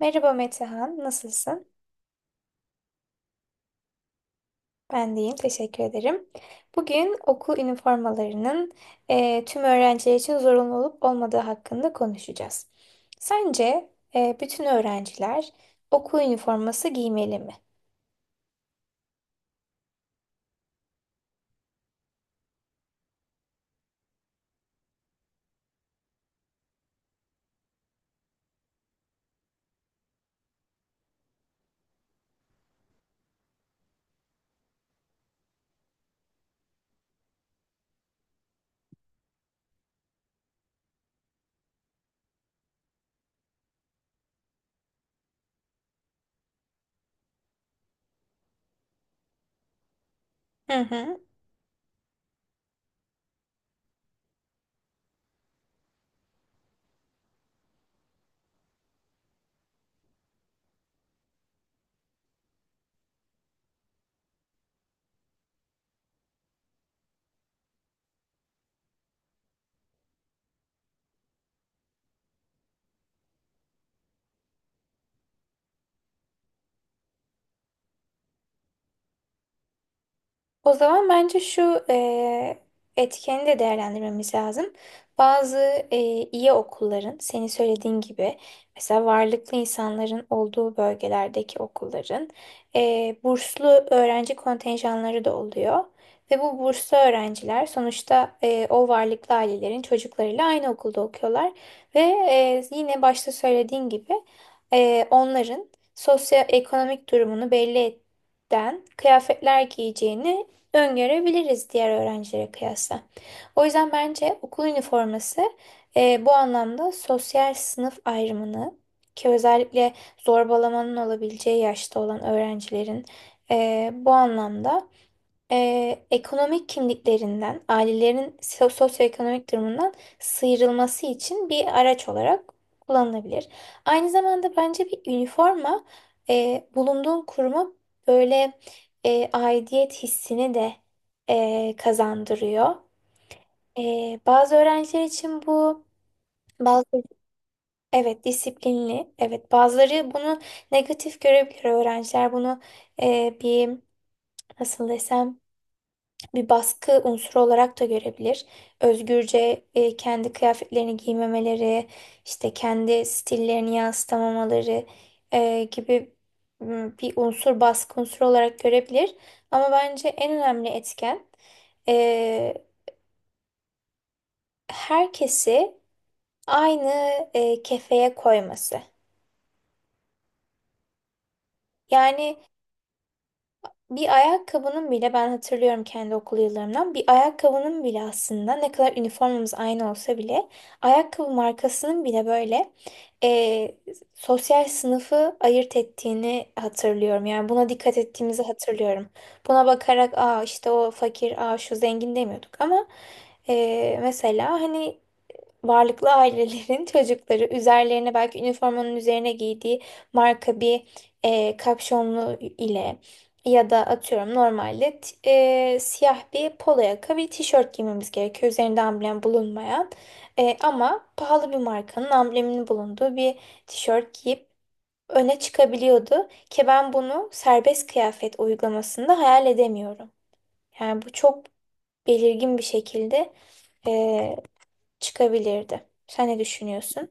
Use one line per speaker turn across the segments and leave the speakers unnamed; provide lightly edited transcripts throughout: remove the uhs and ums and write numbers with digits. Merhaba Metehan, nasılsın? Ben de iyiyim, teşekkür ederim. Bugün okul üniformalarının tüm öğrenciler için zorunlu olup olmadığı hakkında konuşacağız. Sence bütün öğrenciler okul üniforması giymeli mi? Hı hı. O zaman bence şu etkeni de değerlendirmemiz lazım. Bazı iyi okulların, senin söylediğin gibi mesela varlıklı insanların olduğu bölgelerdeki okulların burslu öğrenci kontenjanları da oluyor. Ve bu burslu öğrenciler sonuçta o varlıklı ailelerin çocuklarıyla aynı okulda okuyorlar. Ve yine başta söylediğin gibi onların sosyoekonomik durumunu belli eden kıyafetler giyeceğini öngörebiliriz diğer öğrencilere kıyasla. O yüzden bence okul üniforması bu anlamda sosyal sınıf ayrımını, ki özellikle zorbalamanın olabileceği yaşta olan öğrencilerin bu anlamda ekonomik kimliklerinden, ailelerin sosyoekonomik durumundan sıyrılması için bir araç olarak kullanılabilir. Aynı zamanda bence bir üniforma bulunduğun kuruma böyle aidiyet hissini de kazandırıyor. Bazı öğrenciler için bu bazı evet, disiplinli, evet, bazıları bunu negatif görebilir, öğrenciler bunu bir, nasıl desem, bir baskı unsuru olarak da görebilir. Özgürce kendi kıyafetlerini giymemeleri, işte kendi stillerini yansıtamamaları gibi bir unsur baskı unsuru olarak görebilir. Ama bence en önemli etken e, herkesi aynı kefeye koyması. Yani bir ayakkabının bile, ben hatırlıyorum kendi okul yıllarımdan, bir ayakkabının bile aslında, ne kadar üniformamız aynı olsa bile, ayakkabı markasının bile böyle eee, sosyal sınıfı ayırt ettiğini hatırlıyorum. Yani buna dikkat ettiğimizi hatırlıyorum. Buna bakarak işte o fakir, şu zengin demiyorduk ama mesela hani varlıklı ailelerin çocukları üzerlerine belki üniformanın üzerine giydiği marka bir kapşonlu ile, ya da atıyorum, normalde siyah bir polo yaka bir tişört giymemiz gerekiyor, üzerinde amblem bulunmayan. Ama pahalı bir markanın ambleminin bulunduğu bir tişört giyip öne çıkabiliyordu, ki ben bunu serbest kıyafet uygulamasında hayal edemiyorum. Yani bu çok belirgin bir şekilde e, çıkabilirdi. Sen ne düşünüyorsun?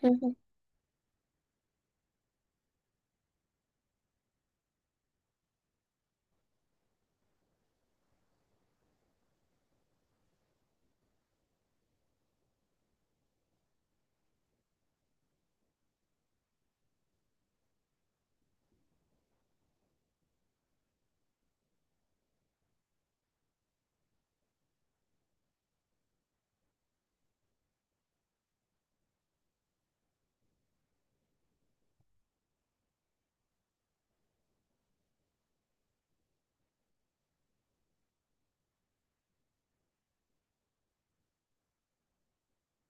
Hı hı.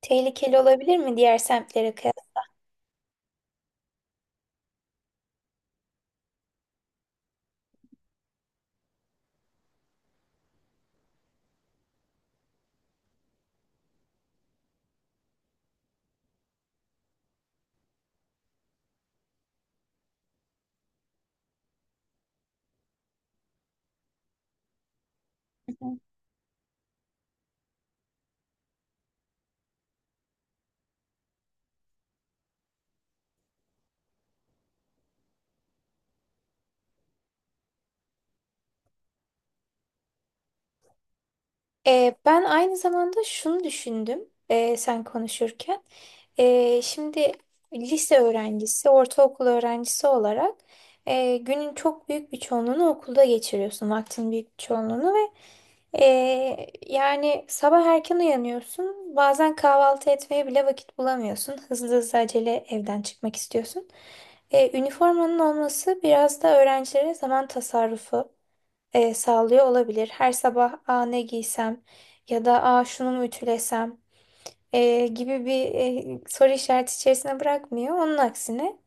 Tehlikeli olabilir mi diğer semtlere kıyasla? Ben aynı zamanda şunu düşündüm sen konuşurken. Şimdi lise öğrencisi, ortaokul öğrencisi olarak günün çok büyük bir çoğunluğunu okulda geçiriyorsun. Vaktin büyük bir çoğunluğunu, ve yani, sabah erken uyanıyorsun. Bazen kahvaltı etmeye bile vakit bulamıyorsun. Hızlı hızlı acele evden çıkmak istiyorsun. Üniformanın olması biraz da öğrencilere zaman tasarrufu sağlıyor olabilir. Her sabah ne giysem, ya da şunu mu ütülesem gibi bir soru işareti içerisine bırakmıyor. Onun aksine,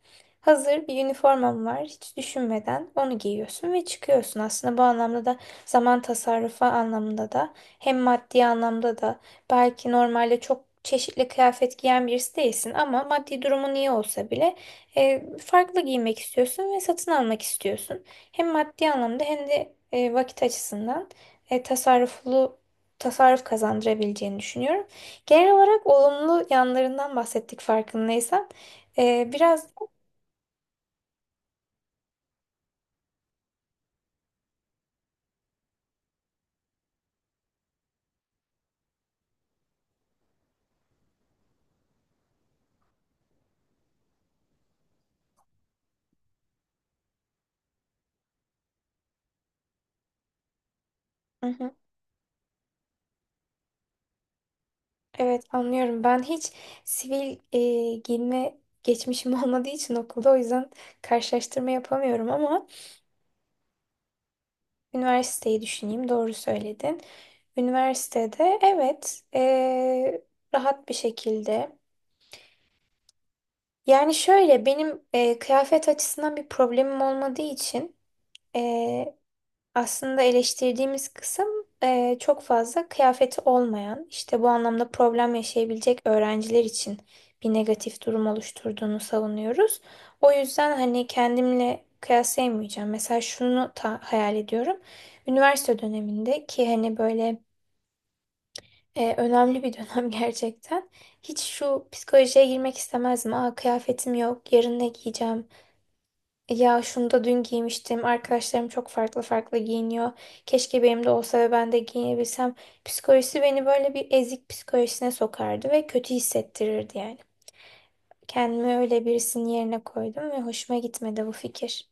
hazır bir üniformam var, hiç düşünmeden onu giyiyorsun ve çıkıyorsun. Aslında bu anlamda da, zaman tasarrufu anlamında da, hem maddi anlamda da, belki normalde çok çeşitli kıyafet giyen birisi değilsin ama maddi durumun iyi olsa bile farklı giymek istiyorsun ve satın almak istiyorsun. Hem maddi anlamda hem de vakit açısından e, tasarruflu tasarruf kazandırabileceğini düşünüyorum. Genel olarak olumlu yanlarından bahsettik farkındaysan. Biraz. Hı hı. Evet, anlıyorum. Ben hiç sivil giyinme geçmişim olmadığı için okulda, o yüzden karşılaştırma yapamıyorum ama üniversiteyi düşüneyim. Doğru söyledin. Üniversitede, evet, rahat bir şekilde. Yani şöyle, benim kıyafet açısından bir problemim olmadığı için. Aslında eleştirdiğimiz kısım çok fazla kıyafeti olmayan, işte bu anlamda problem yaşayabilecek öğrenciler için bir negatif durum oluşturduğunu savunuyoruz. O yüzden hani kendimle kıyaslayamayacağım. Mesela şunu hayal ediyorum. Üniversite döneminde, ki hani böyle önemli bir dönem gerçekten. Hiç şu psikolojiye girmek istemezdim: aa, kıyafetim yok, yarın ne giyeceğim? Ya şunu da dün giymiştim. Arkadaşlarım çok farklı farklı giyiniyor. Keşke benim de olsa ve ben de giyinebilsem. Psikolojisi beni böyle bir ezik psikolojisine sokardı ve kötü hissettirirdi yani. Kendimi öyle birisinin yerine koydum ve hoşuma gitmedi bu fikir.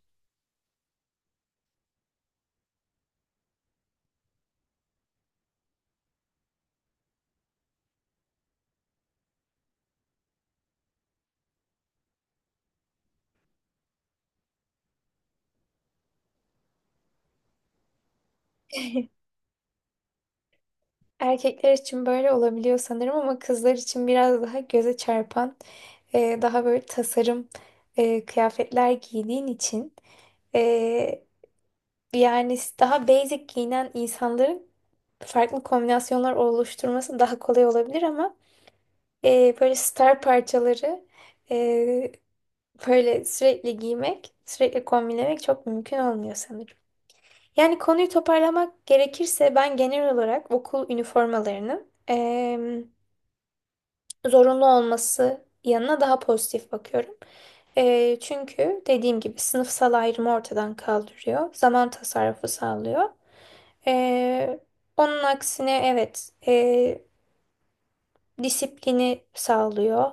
Erkekler için böyle olabiliyor sanırım ama kızlar için biraz daha göze çarpan, daha böyle tasarım kıyafetler giydiğin için. Yani daha basic giyinen insanların farklı kombinasyonlar oluşturması daha kolay olabilir, ama böyle star parçaları e, böyle sürekli giymek, sürekli kombinlemek çok mümkün olmuyor sanırım. Yani konuyu toparlamak gerekirse, ben genel olarak okul üniformalarının zorunlu olması yanına daha pozitif bakıyorum. Çünkü dediğim gibi, sınıfsal ayrımı ortadan kaldırıyor, zaman tasarrufu sağlıyor. Ee, Onun aksine, evet, disiplini sağlıyor.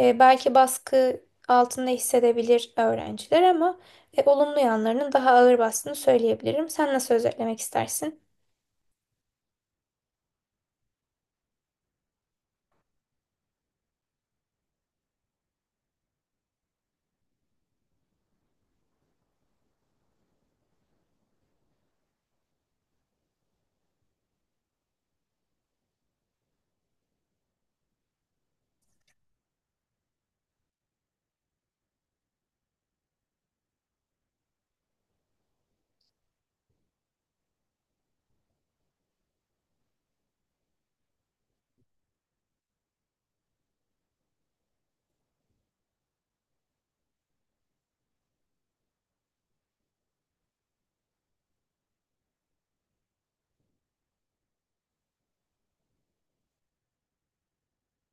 Belki baskı altında hissedebilir öğrenciler, ama olumlu yanlarının daha ağır bastığını söyleyebilirim. Sen nasıl özetlemek istersin?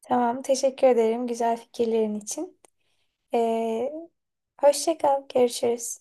Tamam, teşekkür ederim güzel fikirlerin için. Ee, Hoşça kal, görüşürüz.